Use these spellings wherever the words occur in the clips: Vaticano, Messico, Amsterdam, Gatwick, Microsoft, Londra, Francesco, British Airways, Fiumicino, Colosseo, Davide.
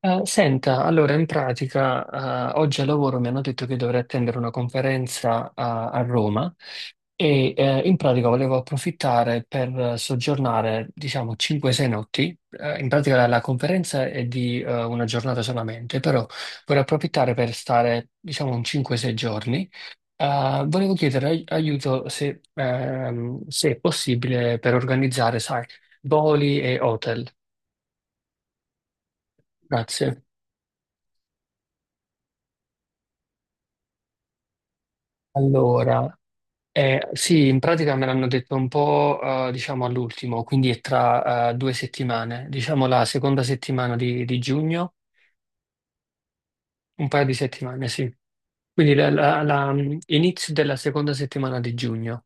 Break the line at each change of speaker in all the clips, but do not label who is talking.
Senta, allora in pratica oggi al lavoro mi hanno detto che dovrei attendere una conferenza a Roma e in pratica volevo approfittare per soggiornare diciamo 5-6 notti. In pratica la conferenza è di una giornata solamente, però vorrei approfittare per stare diciamo un 5-6 giorni. Volevo chiedere aiuto se, se è possibile per organizzare, sai, voli e hotel. Grazie. Allora. Sì, in pratica me l'hanno detto un po', diciamo, all'ultimo, quindi è tra 2 settimane, diciamo la seconda settimana di giugno, un paio di settimane, sì. Quindi inizio della seconda settimana di giugno.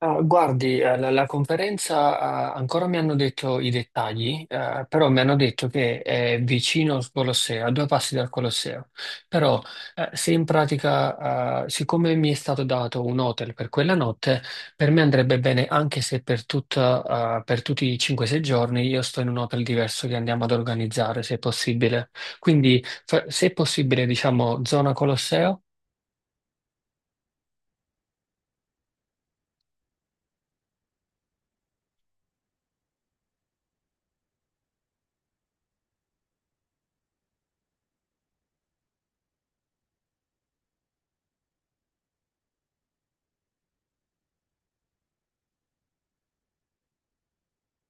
Ah, guardi, la conferenza, ah, ancora mi hanno detto i dettagli, però mi hanno detto che è vicino al Colosseo, a due passi dal Colosseo. Però, se in pratica, siccome mi è stato dato un hotel per quella notte, per me andrebbe bene anche se per tutta, per tutti i 5-6 giorni io sto in un hotel diverso che andiamo ad organizzare, se possibile. Quindi, se è possibile, diciamo, zona Colosseo,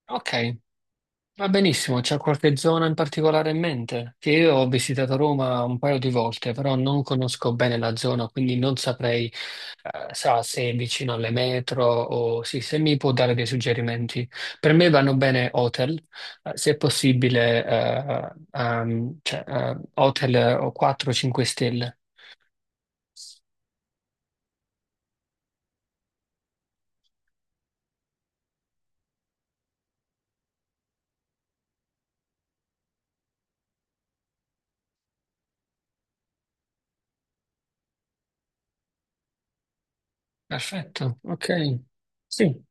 ok. Va benissimo, c'è qualche zona in particolare in mente? Che io ho visitato Roma un paio di volte, però non conosco bene la zona, quindi non saprei, sa, se è vicino alle metro o sì, se mi può dare dei suggerimenti. Per me vanno bene hotel, se è possibile, cioè, hotel o 4-5 stelle. Perfetto, ok. Sì.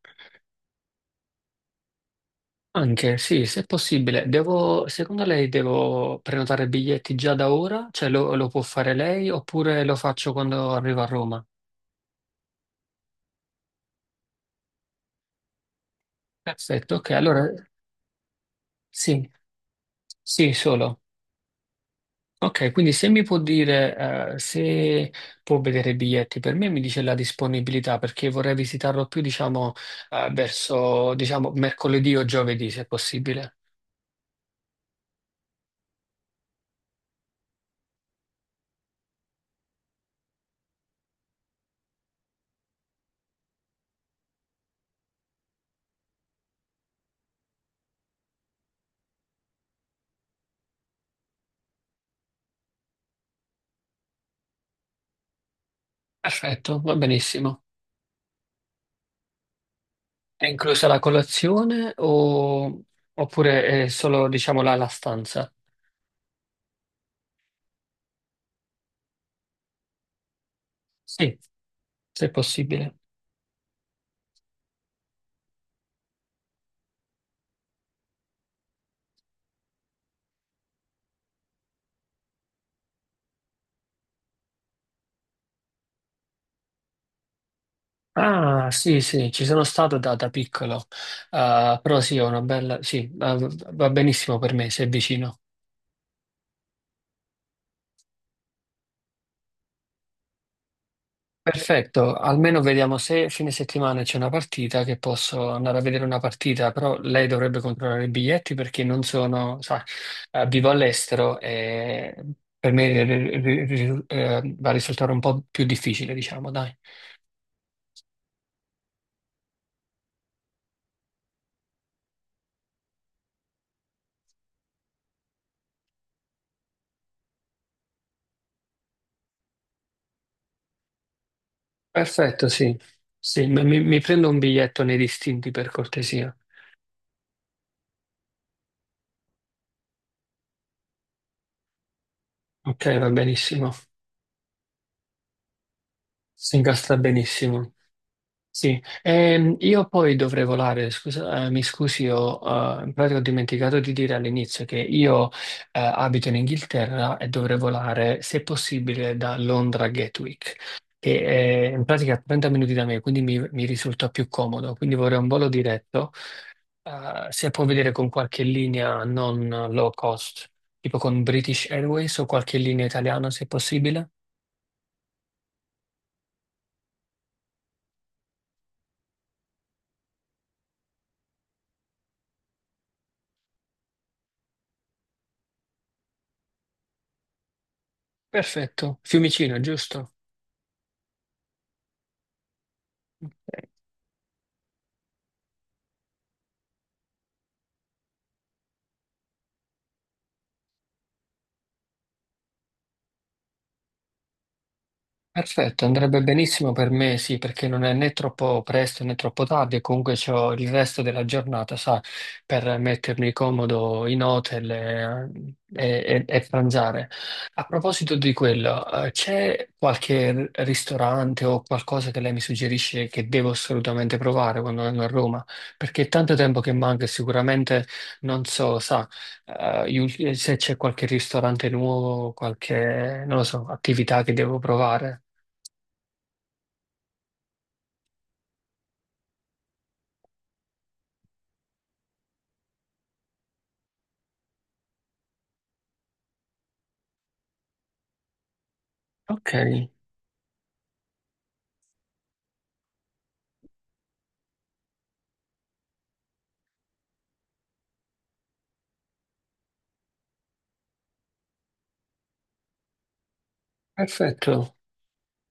Anche, sì, se è possibile. Devo, secondo lei devo prenotare biglietti già da ora? Cioè lo può fare lei oppure lo faccio quando arrivo a Roma? Perfetto, ok, allora sì, sì, solo. Ok, quindi se mi può dire, se può vedere i biglietti per me, mi dice la disponibilità perché vorrei visitarlo più, diciamo, verso, diciamo, mercoledì o giovedì, se possibile. Perfetto, va benissimo. È inclusa la colazione oppure è solo, diciamo, la stanza? Sì, se è possibile. Ah, sì, sì, ci sono stato da piccolo, però sì, è una bella, sì, va benissimo per me, se è vicino. Perfetto, almeno vediamo se fine settimana c'è una partita che posso andare a vedere una partita, però lei dovrebbe controllare i biglietti perché non sono, sa, vivo all'estero e per me va a risultare un po' più difficile, diciamo, dai. Perfetto, sì. Sì, mi prendo un biglietto nei distinti per cortesia. Ok, va benissimo. Si incastra benissimo. Sì, io poi dovrei volare, scusa, mi scusi, ho, in pratica ho dimenticato di dire all'inizio che io, abito in Inghilterra e dovrei volare, se possibile, da Londra a Gatwick, che è in pratica 30 minuti da me, quindi mi risulta più comodo, quindi vorrei un volo diretto, se può vedere con qualche linea non low cost, tipo con British Airways o qualche linea italiana, se possibile. Perfetto, Fiumicino, giusto? Perfetto, andrebbe benissimo per me, sì, perché non è né troppo presto né troppo tardi e comunque ho il resto della giornata, sa, per mettermi comodo in hotel e pranzare. A proposito di quello, c'è qualche ristorante o qualcosa che lei mi suggerisce che devo assolutamente provare quando vengo a Roma? Perché è tanto tempo che manca e sicuramente non so, sa, se c'è qualche ristorante nuovo, qualche, non lo so, attività che devo provare. Ok, perfetto,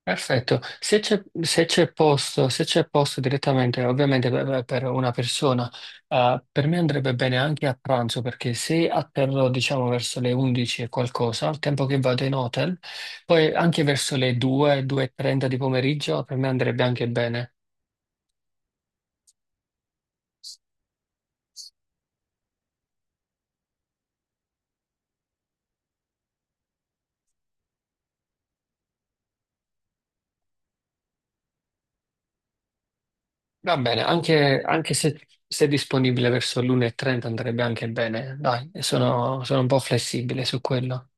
perfetto. Se c'è posto, se c'è posto direttamente, ovviamente per una persona, per me andrebbe bene anche a pranzo, perché se atterrò, diciamo, verso le 11 e qualcosa, al tempo che vado in hotel, poi anche verso le 2, 2:30 di pomeriggio, per me andrebbe anche bene. Va bene, anche, anche se, se è disponibile verso l'1:30 andrebbe anche bene. Dai, sono un po' flessibile su quello.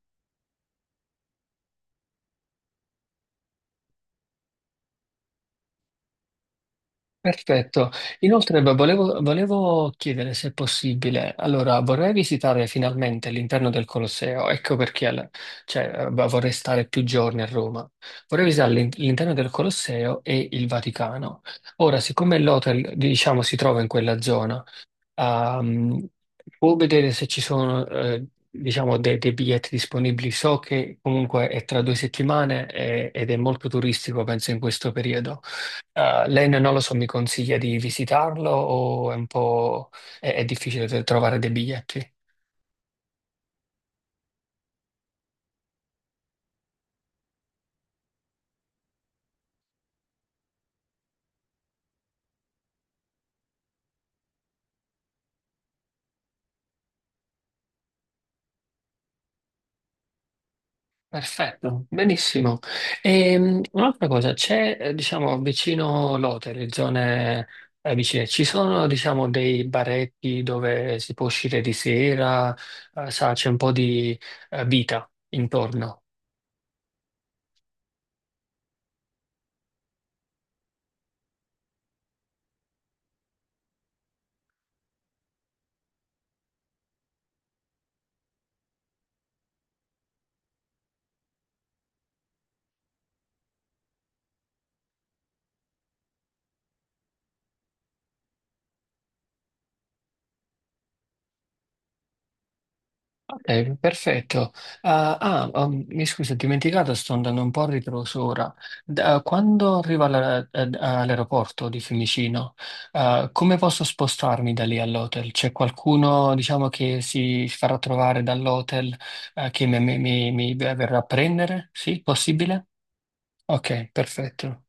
Perfetto. Inoltre, beh, volevo chiedere se è possibile. Allora, vorrei visitare finalmente l'interno del Colosseo. Ecco perché cioè, beh, vorrei stare più giorni a Roma. Vorrei visitare l'interno del Colosseo e il Vaticano. Ora, siccome l'hotel, diciamo, si trova in quella zona, a può vedere se ci sono diciamo dei biglietti disponibili. So che comunque è tra 2 settimane ed è molto turistico, penso, in questo periodo. Lei non lo so, mi consiglia di visitarlo o è un po' è difficile trovare dei biglietti? Perfetto, benissimo. Un'altra cosa, c'è, diciamo, vicino Lotte, le zone vicine, ci sono, diciamo, dei baretti dove si può uscire di sera, sa, c'è un po' di vita intorno. Ok, perfetto. Ah, ah, mi scusa, ho dimenticato, sto andando un po' a ritroso ora. Quando arrivo all'aeroporto di Fiumicino, ah, come posso spostarmi da lì all'hotel? C'è qualcuno, diciamo, che si farà trovare dall'hotel, che mi verrà a prendere? Sì, possibile? Ok, perfetto.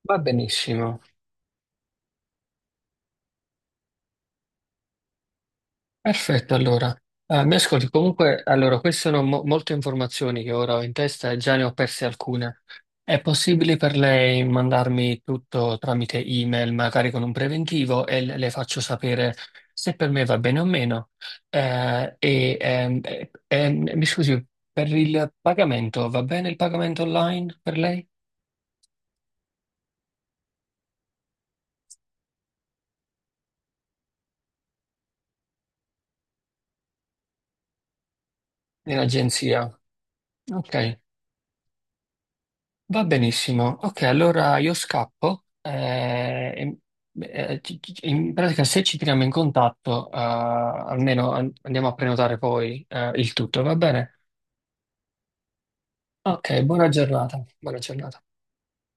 Va benissimo. Perfetto, allora. Ah, mi ascolti, comunque, allora, queste sono molte informazioni che ora ho in testa e già ne ho perse alcune. È possibile per lei mandarmi tutto tramite email, magari con un preventivo, e le faccio sapere se per me va bene o meno. Mi scusi, per il pagamento, va bene il pagamento online per lei? In agenzia? Ok, va benissimo. Ok, allora io scappo. E- ci- ci- in pratica, se ci tiriamo in contatto, almeno andiamo a prenotare poi, il tutto, va bene? Ok, buona giornata. Buona giornata.